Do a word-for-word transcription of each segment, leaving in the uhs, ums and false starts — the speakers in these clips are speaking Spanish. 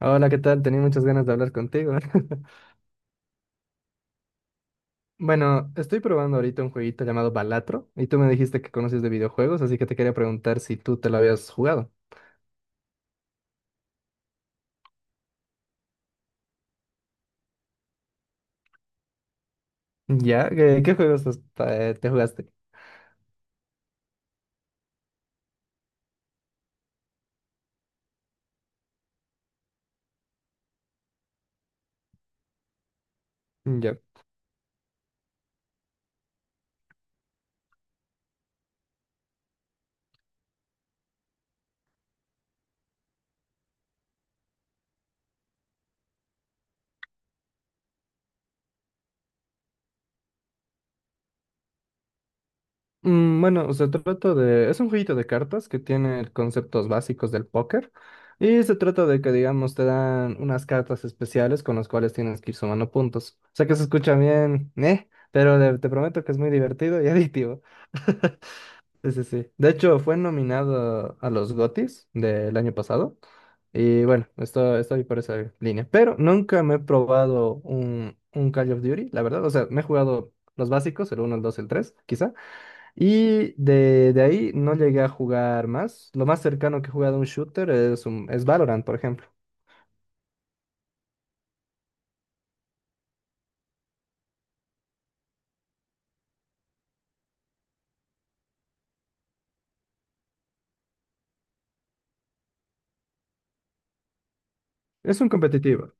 Hola, ¿qué tal? Tenía muchas ganas de hablar contigo. Bueno, estoy probando ahorita un jueguito llamado Balatro y tú me dijiste que conoces de videojuegos, así que te quería preguntar si tú te lo habías jugado. ¿Ya? ¿Qué, qué juegos has- te, te jugaste? Ya. Mm, bueno, se trata de... Es un jueguito de cartas que tiene conceptos básicos del póker y se trata de que, digamos, te dan unas cartas especiales con las cuales tienes que ir sumando puntos. O sea que se escucha bien, ¿eh? Pero de- te prometo que es muy divertido y adictivo. Sí, sí, sí. De hecho, fue nominado a los G O T Ys del año pasado. Y bueno, esto- estoy por esa línea. Pero nunca me he probado un, un Call of Duty, la verdad. O sea, me he jugado los básicos, el uno, el dos, el tres, quizá. Y de, de ahí no llegué a jugar más. Lo más cercano que he jugado a un shooter es, un, es Valorant, por ejemplo. Es un competitivo.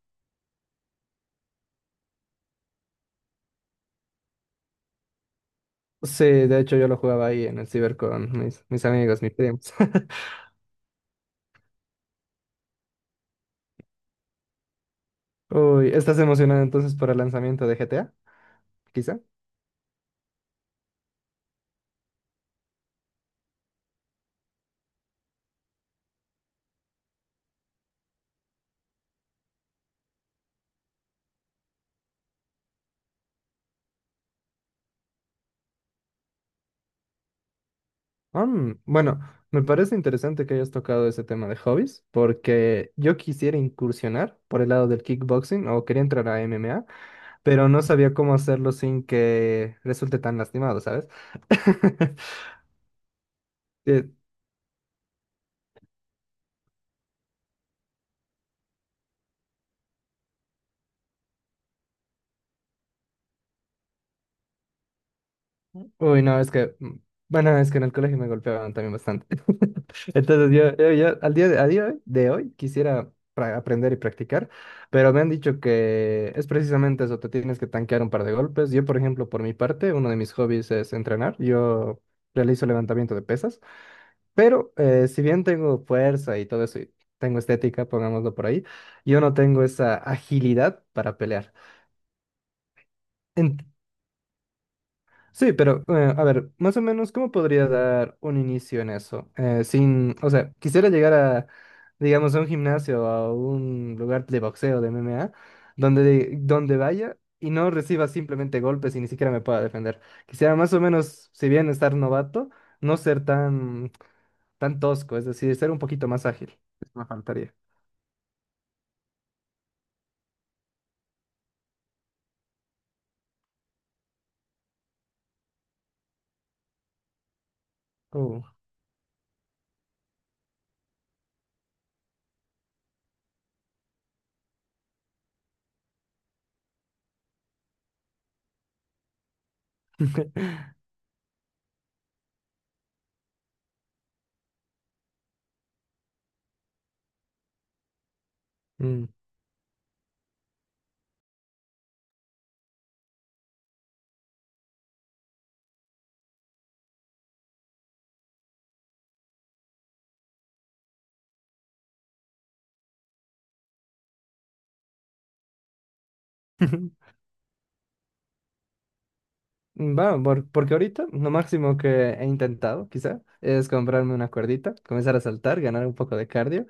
Sí, de hecho yo lo jugaba ahí en el ciber con mis, mis amigos, mis primos. Uy, ¿estás emocionado entonces por el lanzamiento de G T A? Quizá. Ah, Mm, bueno, me parece interesante que hayas tocado ese tema de hobbies, porque yo quisiera incursionar por el lado del kickboxing o quería entrar a M M A, pero no sabía cómo hacerlo sin que resulte tan lastimado, ¿sabes? Eh, Uy, no, es que, mm, bueno, es que en el colegio me golpeaban también bastante. Entonces yo, yo- yo al día de, a día de hoy quisiera pra- aprender y practicar, pero me han dicho que es precisamente eso, te tienes que tanquear un par de golpes. Yo, por ejemplo, por mi parte, uno de mis hobbies es entrenar. Yo realizo levantamiento de pesas, pero eh, si bien tengo fuerza y todo eso, y tengo estética, pongámoslo por ahí, yo no tengo esa agilidad para pelear. Sí, pero eh, a ver, más o menos, ¿cómo podría dar un inicio en eso? Eh, sin, o sea, quisiera llegar a, digamos, a un gimnasio, a un lugar de boxeo, de M M A, donde, donde vaya y no reciba simplemente golpes y ni siquiera me pueda defender. Quisiera más o menos, si bien estar novato, no ser tan, tan tosco, es decir, ser un poquito más ágil. Eso me faltaría. Oh. Mm. Mm, Va, por- porque ahorita lo máximo que he intentado, quizá, es comprarme una cuerdita, comenzar a saltar, ganar un poco de cardio.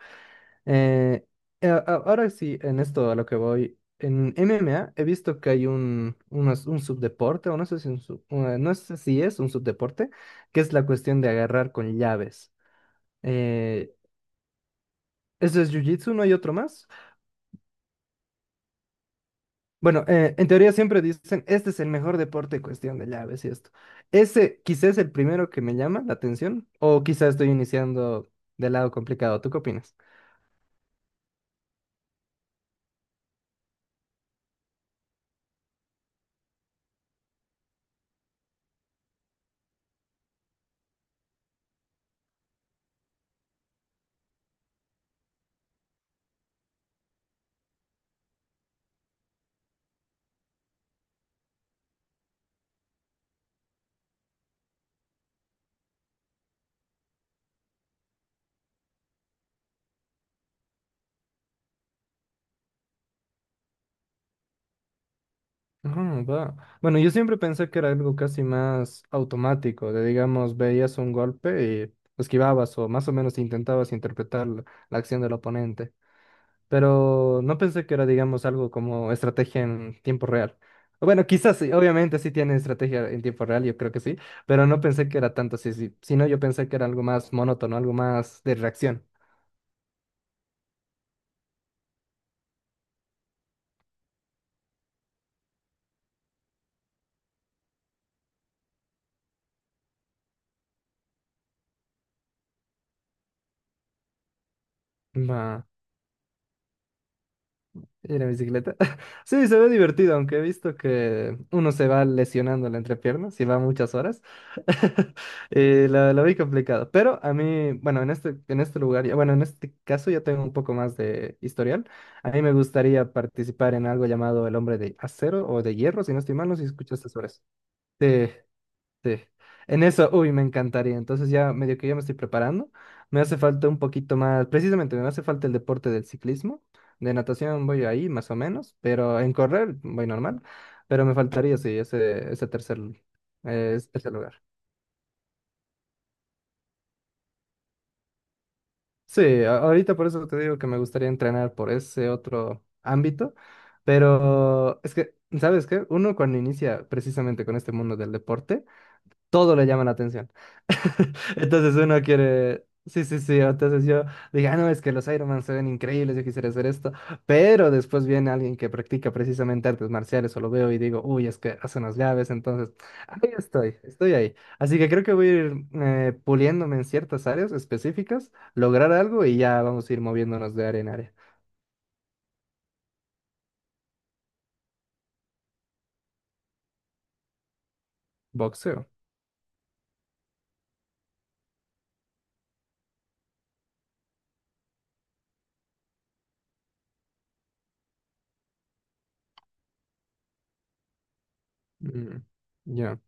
Eh, a- a- Ahora sí, en esto a lo que voy, en M M A he visto que hay un, unos- un subdeporte, o no sé si, un sub- eh, no sé si es un subdeporte, que es la cuestión de agarrar con llaves. Eh, ¿eso es jiu-jitsu? ¿No hay otro más? Bueno, eh, en teoría siempre dicen, este es el mejor deporte, en cuestión de llaves y esto. Ese quizás es el primero que me llama la atención, o quizás estoy iniciando del lado complicado. ¿Tú qué opinas? Ah, va. Bueno, yo siempre pensé que era algo casi más automático, de digamos, veías un golpe y esquivabas o más o menos intentabas interpretar la la acción del oponente. Pero no pensé que era, digamos, algo como estrategia en tiempo real. Bueno, quizás sí, obviamente sí tiene estrategia en tiempo real, yo creo que sí, pero no pensé que era tanto así, sí. Sino yo pensé que era algo más monótono, algo más de reacción. Va. Ir en bicicleta. Sí, se ve divertido, aunque he visto que uno se va lesionando la entrepierna si va muchas horas. Y lo, lo vi complicado. Pero a mí, bueno, en este, en este lugar, ya- bueno, en este caso ya tengo un poco más de historial. A mí me gustaría participar en algo llamado El Hombre de Acero o de Hierro, si no estoy mal, no sé si escuchaste sobre eso. Sí. Sí, en eso, uy, me encantaría. Entonces ya medio que ya me estoy preparando. Me hace falta un poquito más, precisamente me hace falta el deporte del ciclismo. De natación voy ahí más o menos, pero en correr voy normal. Pero me faltaría, sí, ese, ese tercer, eh, es- ese lugar. Sí, a- ahorita por eso te digo que me gustaría entrenar por ese otro ámbito. Pero es que, ¿sabes qué? Uno cuando inicia precisamente con este mundo del deporte, todo le llama la atención. Entonces uno quiere... Sí, sí, sí. Entonces yo dije, ah, no, es que los Ironman se ven increíbles, yo quisiera hacer esto. Pero después viene alguien que practica precisamente artes marciales o lo veo y digo, uy, es que hace unas llaves. Entonces, ahí estoy, estoy ahí. Así que creo que voy a ir eh, puliéndome en ciertas áreas específicas, lograr algo y ya vamos a ir moviéndonos de área en área. Boxeo. Mm. Ya.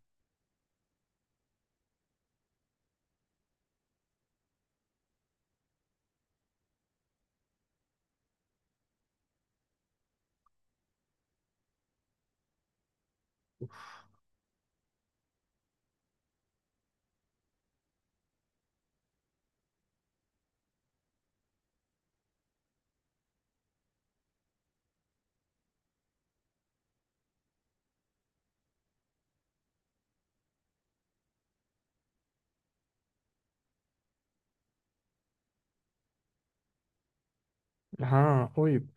Ajá. Uy.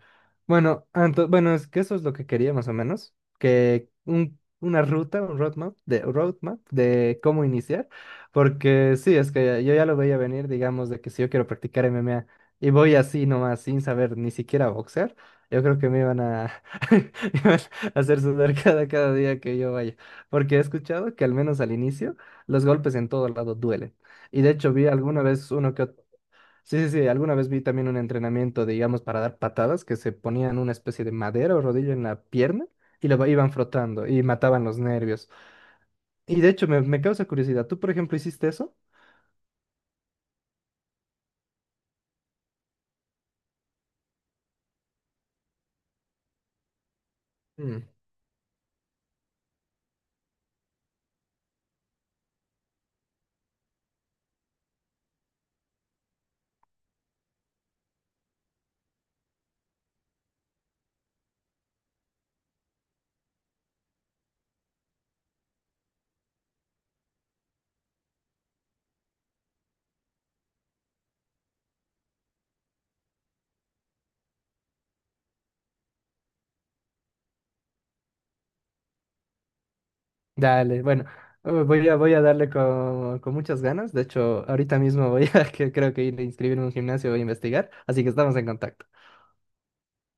Bueno, anto- bueno, es que eso es lo que quería más o menos, que un, una ruta, un roadmap de, roadmap de cómo iniciar, porque sí, es que yo ya lo veía venir, digamos, de que si yo quiero practicar M M A y voy así nomás sin saber ni siquiera boxear, yo creo que me iban a, me iban a hacer sudar cada, cada día que yo vaya, porque he escuchado que al menos al inicio los golpes en todo lado duelen. Y de hecho vi alguna vez uno que, ot- sí, sí, sí, alguna vez vi también un entrenamiento, digamos, para dar patadas, que se ponían una especie de madera o rodillo en la pierna y lo iban frotando y mataban los nervios. Y de hecho, me, me causa curiosidad, ¿tú, por ejemplo, hiciste eso? Mm. Dale, bueno, eh, voy a, voy a darle con, con muchas ganas. De hecho, ahorita mismo voy a, que creo que ir a inscribirme en un gimnasio, voy a investigar, así que estamos en contacto.